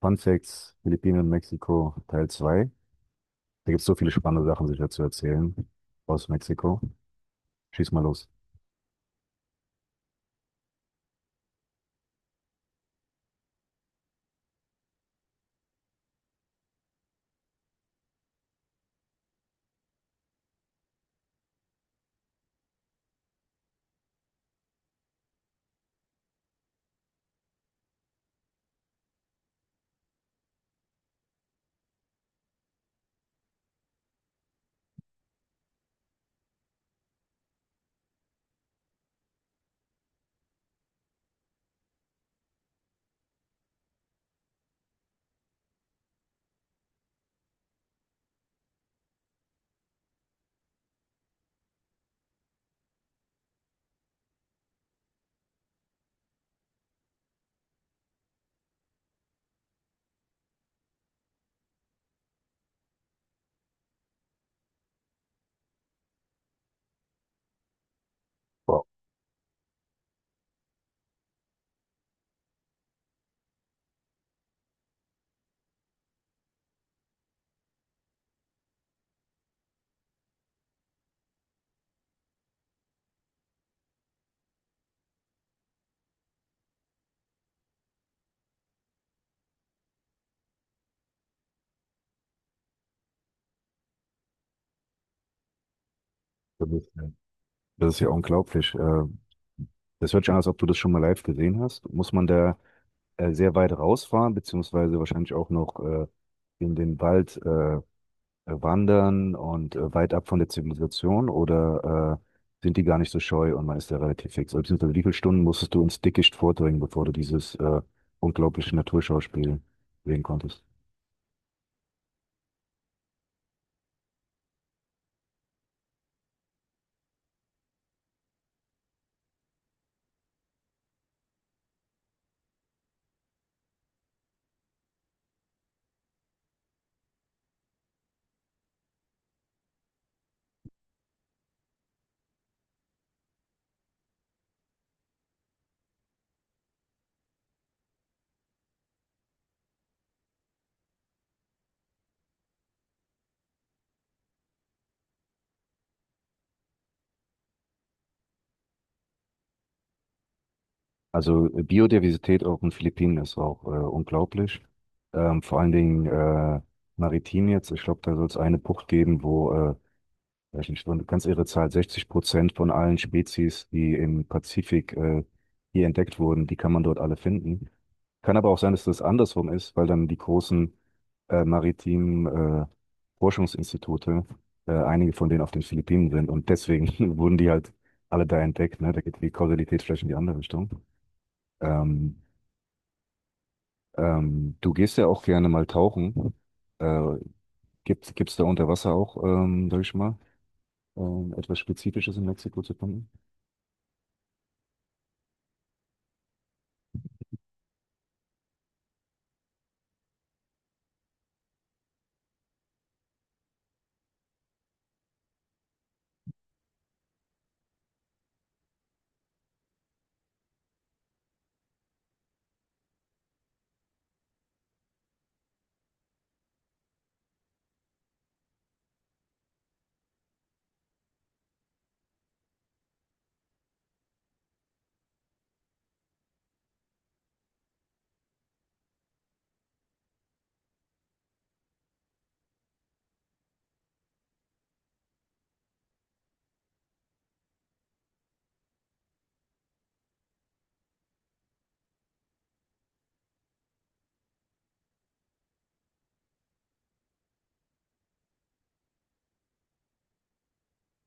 Fun Facts, Philippinen und Mexiko, Teil 2. Da gibt es so viele spannende Sachen sicher zu erzählen aus Mexiko. Schieß mal los. Wow. Das ist, ja- das ist ja unglaublich. Das hört sich an, als ob du das schon mal live gesehen hast. Muss man da sehr weit rausfahren, beziehungsweise wahrscheinlich auch noch in den Wald wandern und weit ab von der Zivilisation oder sind die gar nicht so scheu und man ist da relativ fix? Oder beziehungsweise wie viele Stunden musstest du ins Dickicht vordringen, bevor du dieses unglaubliche Naturschauspiel sehen konntest? Also Biodiversität auf den Philippinen ist auch unglaublich. Vor allen Dingen maritim jetzt. Ich glaube, da soll es eine Bucht geben, wo weiß nicht, so eine ganz irre Zahl, 60% von allen Spezies, die im Pazifik hier entdeckt wurden, die kann man dort alle finden. Kann aber auch sein, dass das andersrum ist, weil dann die großen maritimen äh, Forschungsinstitute, einige von denen auf den Philippinen sind und deswegen wurden die halt alle da entdeckt. Ne? Da geht die Kausalität vielleicht in die andere Richtung. Ähm, du gehst ja auch gerne mal tauchen. Äh, gibt es da unter Wasser auch, sag ich mal, etwas Spezifisches in Mexiko zu finden?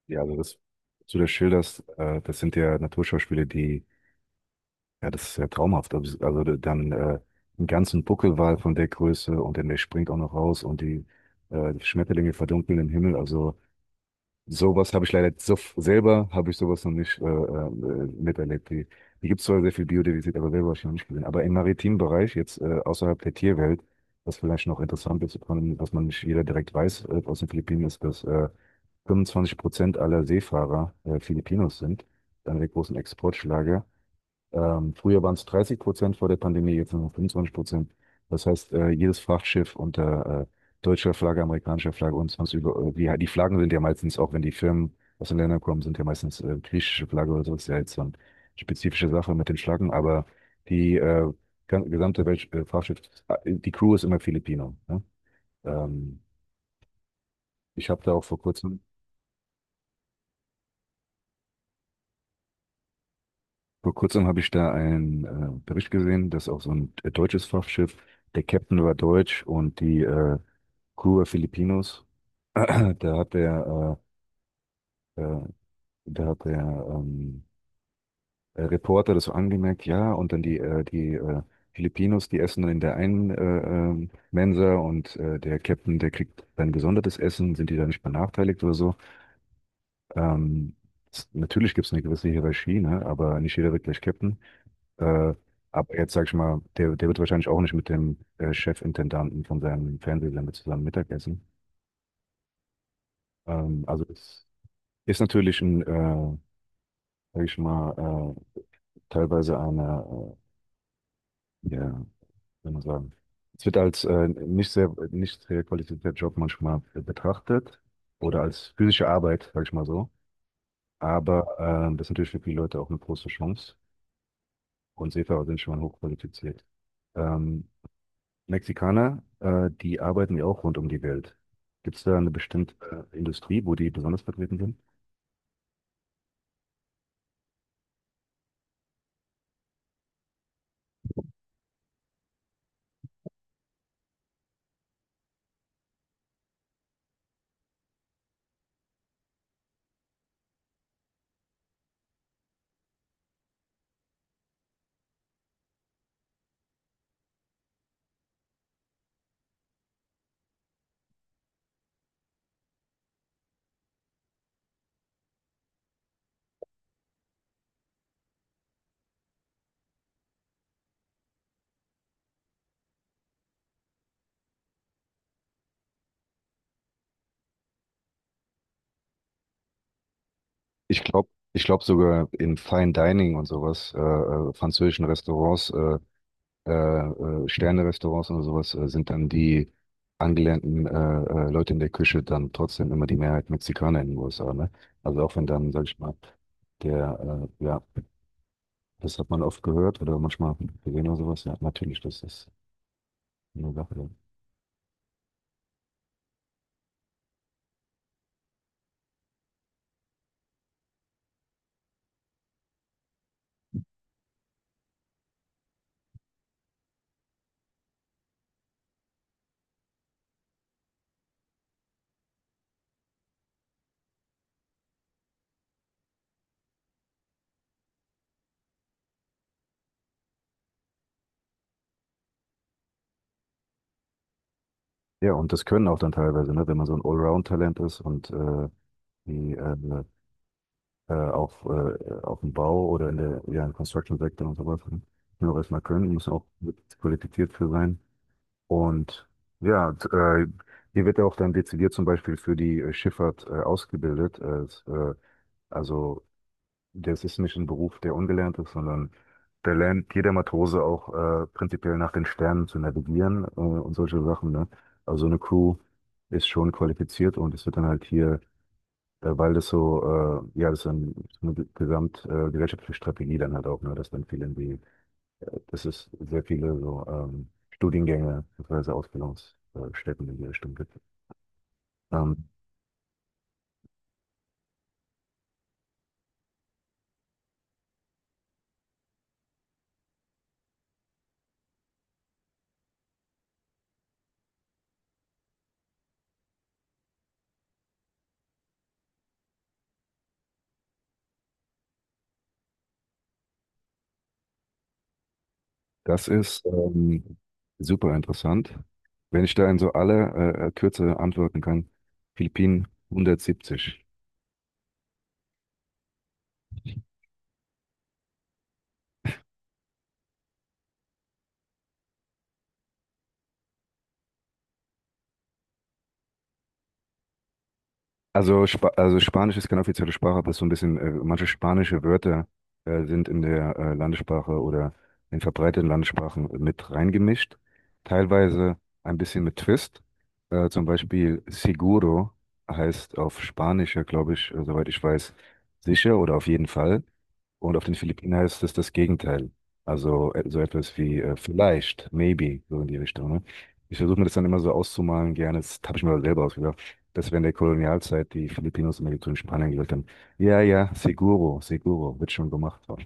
Ja, also das, was du das schilderst, das sind ja Naturschauspiele, die, ja, das ist ja traumhaft. Also dann einen ganzen Buckelwal von der Größe, und dann der springt auch noch raus, und die, die Schmetterlinge verdunkeln im Himmel. Also sowas habe ich leider so, selber habe ich sowas noch nicht miterlebt. Hier gibt es zwar sehr viel Biodiversität, aber selber habe ich noch nicht gesehen. Aber im maritimen Bereich, jetzt außerhalb der Tierwelt, was vielleicht noch interessant ist, was man nicht jeder direkt weiß aus den Philippinen, ist, dass 25% aller Seefahrer Filipinos sind. Einer der großen Exportschlager. Früher waren es 30% vor der Pandemie, jetzt nur noch 25%. Das heißt, jedes Frachtschiff unter deutscher Flagge, amerikanischer Flagge und sonst über, die Flaggen sind ja meistens, auch wenn die Firmen aus den Ländern kommen, sind ja meistens griechische Flagge oder so, ist ja jetzt so eine spezifische Sache mit den Flaggen, aber die gesamte Welt, Frachtschiff, die Crew ist immer Filipino. Ne? Ähm, ich habe da auch vor kurzem Vor kurzem habe ich da einen Bericht gesehen, dass auch so ein deutsches Frachtschiff, der Captain war deutsch und die Crew war Filipinos. Da hat der, äh, äh, da hat der ähm, Reporter das so angemerkt, ja, und dann die Filipinos, die essen dann in der einen Mensa und der Captain, der kriegt dann gesondertes Essen, sind die da nicht benachteiligt oder so. Ähm, Natürlich gibt es eine gewisse Hierarchie, ne? Aber nicht jeder wird gleich Captain. Äh, aber jetzt sag ich mal, der wird wahrscheinlich auch nicht mit dem Chefintendanten von seinem Fernsehsender zusammen Mittagessen. Also es ist natürlich ein, sag ich mal, teilweise eine, ja, wie soll man sagen, es wird als nicht sehr qualifizierter Job manchmal betrachtet oder als physische Arbeit, sag ich mal so. Aber das ist natürlich für viele Leute auch eine große Chance. Und Seefahrer sind schon mal hochqualifiziert. Ähm, Mexikaner, die arbeiten ja auch rund um die Welt. Gibt es da eine bestimmte Industrie, wo die besonders vertreten sind? Ich glaube sogar in Fine Dining und sowas, französischen Restaurants, äh, Sterne-Restaurants und sowas, sind dann die angelernten Leute in der Küche dann trotzdem immer die Mehrheit Mexikaner in den USA, ne? Also auch wenn dann, sag ich mal, der, ja, das hat man oft gehört oder manchmal gesehen oder sowas, ja, natürlich, das ist eine Sache. Ja. Ja, und das können auch dann teilweise, ne, wenn man so ein Allround-Talent ist und die, auf dem Bau oder in der, ja, im Construction-Sektor und sowas, ne, müssen auch erstmal können, müssen auch qualifiziert für sein. Und ja, hier wird ja auch dann dezidiert zum Beispiel für die Schifffahrt ausgebildet. Also das ist nicht ein Beruf, der ungelernt ist, sondern da lernt jeder Matrose auch prinzipiell nach den Sternen zu navigieren und solche Sachen. Ne? Also so eine Crew ist schon qualifiziert und es wird dann halt hier, weil das so, ja, das ist dann eine gesamt gesellschaftliche Strategie dann halt auch, ne? Dass dann viele irgendwie, dass es sehr viele so Studiengänge bzw. Ausbildungsstätten in die Richtung gibt. Ähm, Das ist super interessant. Wenn ich da in so aller Kürze antworten kann, Philippinen 170. Also Spanisch ist keine offizielle Sprache, aber so ein bisschen, manche spanische Wörter sind in der Landessprache oder in verbreiteten Landessprachen mit reingemischt. Teilweise ein bisschen mit Twist. Zum Beispiel Seguro heißt auf Spanisch, ja, glaube ich, soweit ich weiß, sicher oder auf jeden Fall. Und auf den Philippinen heißt es das Gegenteil. Also so etwas wie vielleicht, maybe, so in die Richtung. Ne? Ich versuche mir das dann immer so auszumalen, gerne. Das habe ich mir selber ausgedacht. Das wäre der Kolonialzeit, die Filipinos und die in Ägypten und Spanien gelebt haben. Ja, ja, seguro, seguro, wird schon gemacht haben.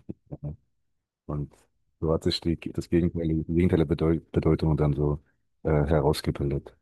Und so hat sich das Gegenteil, die Gegenteil der Bedeutung dann so herausgebildet.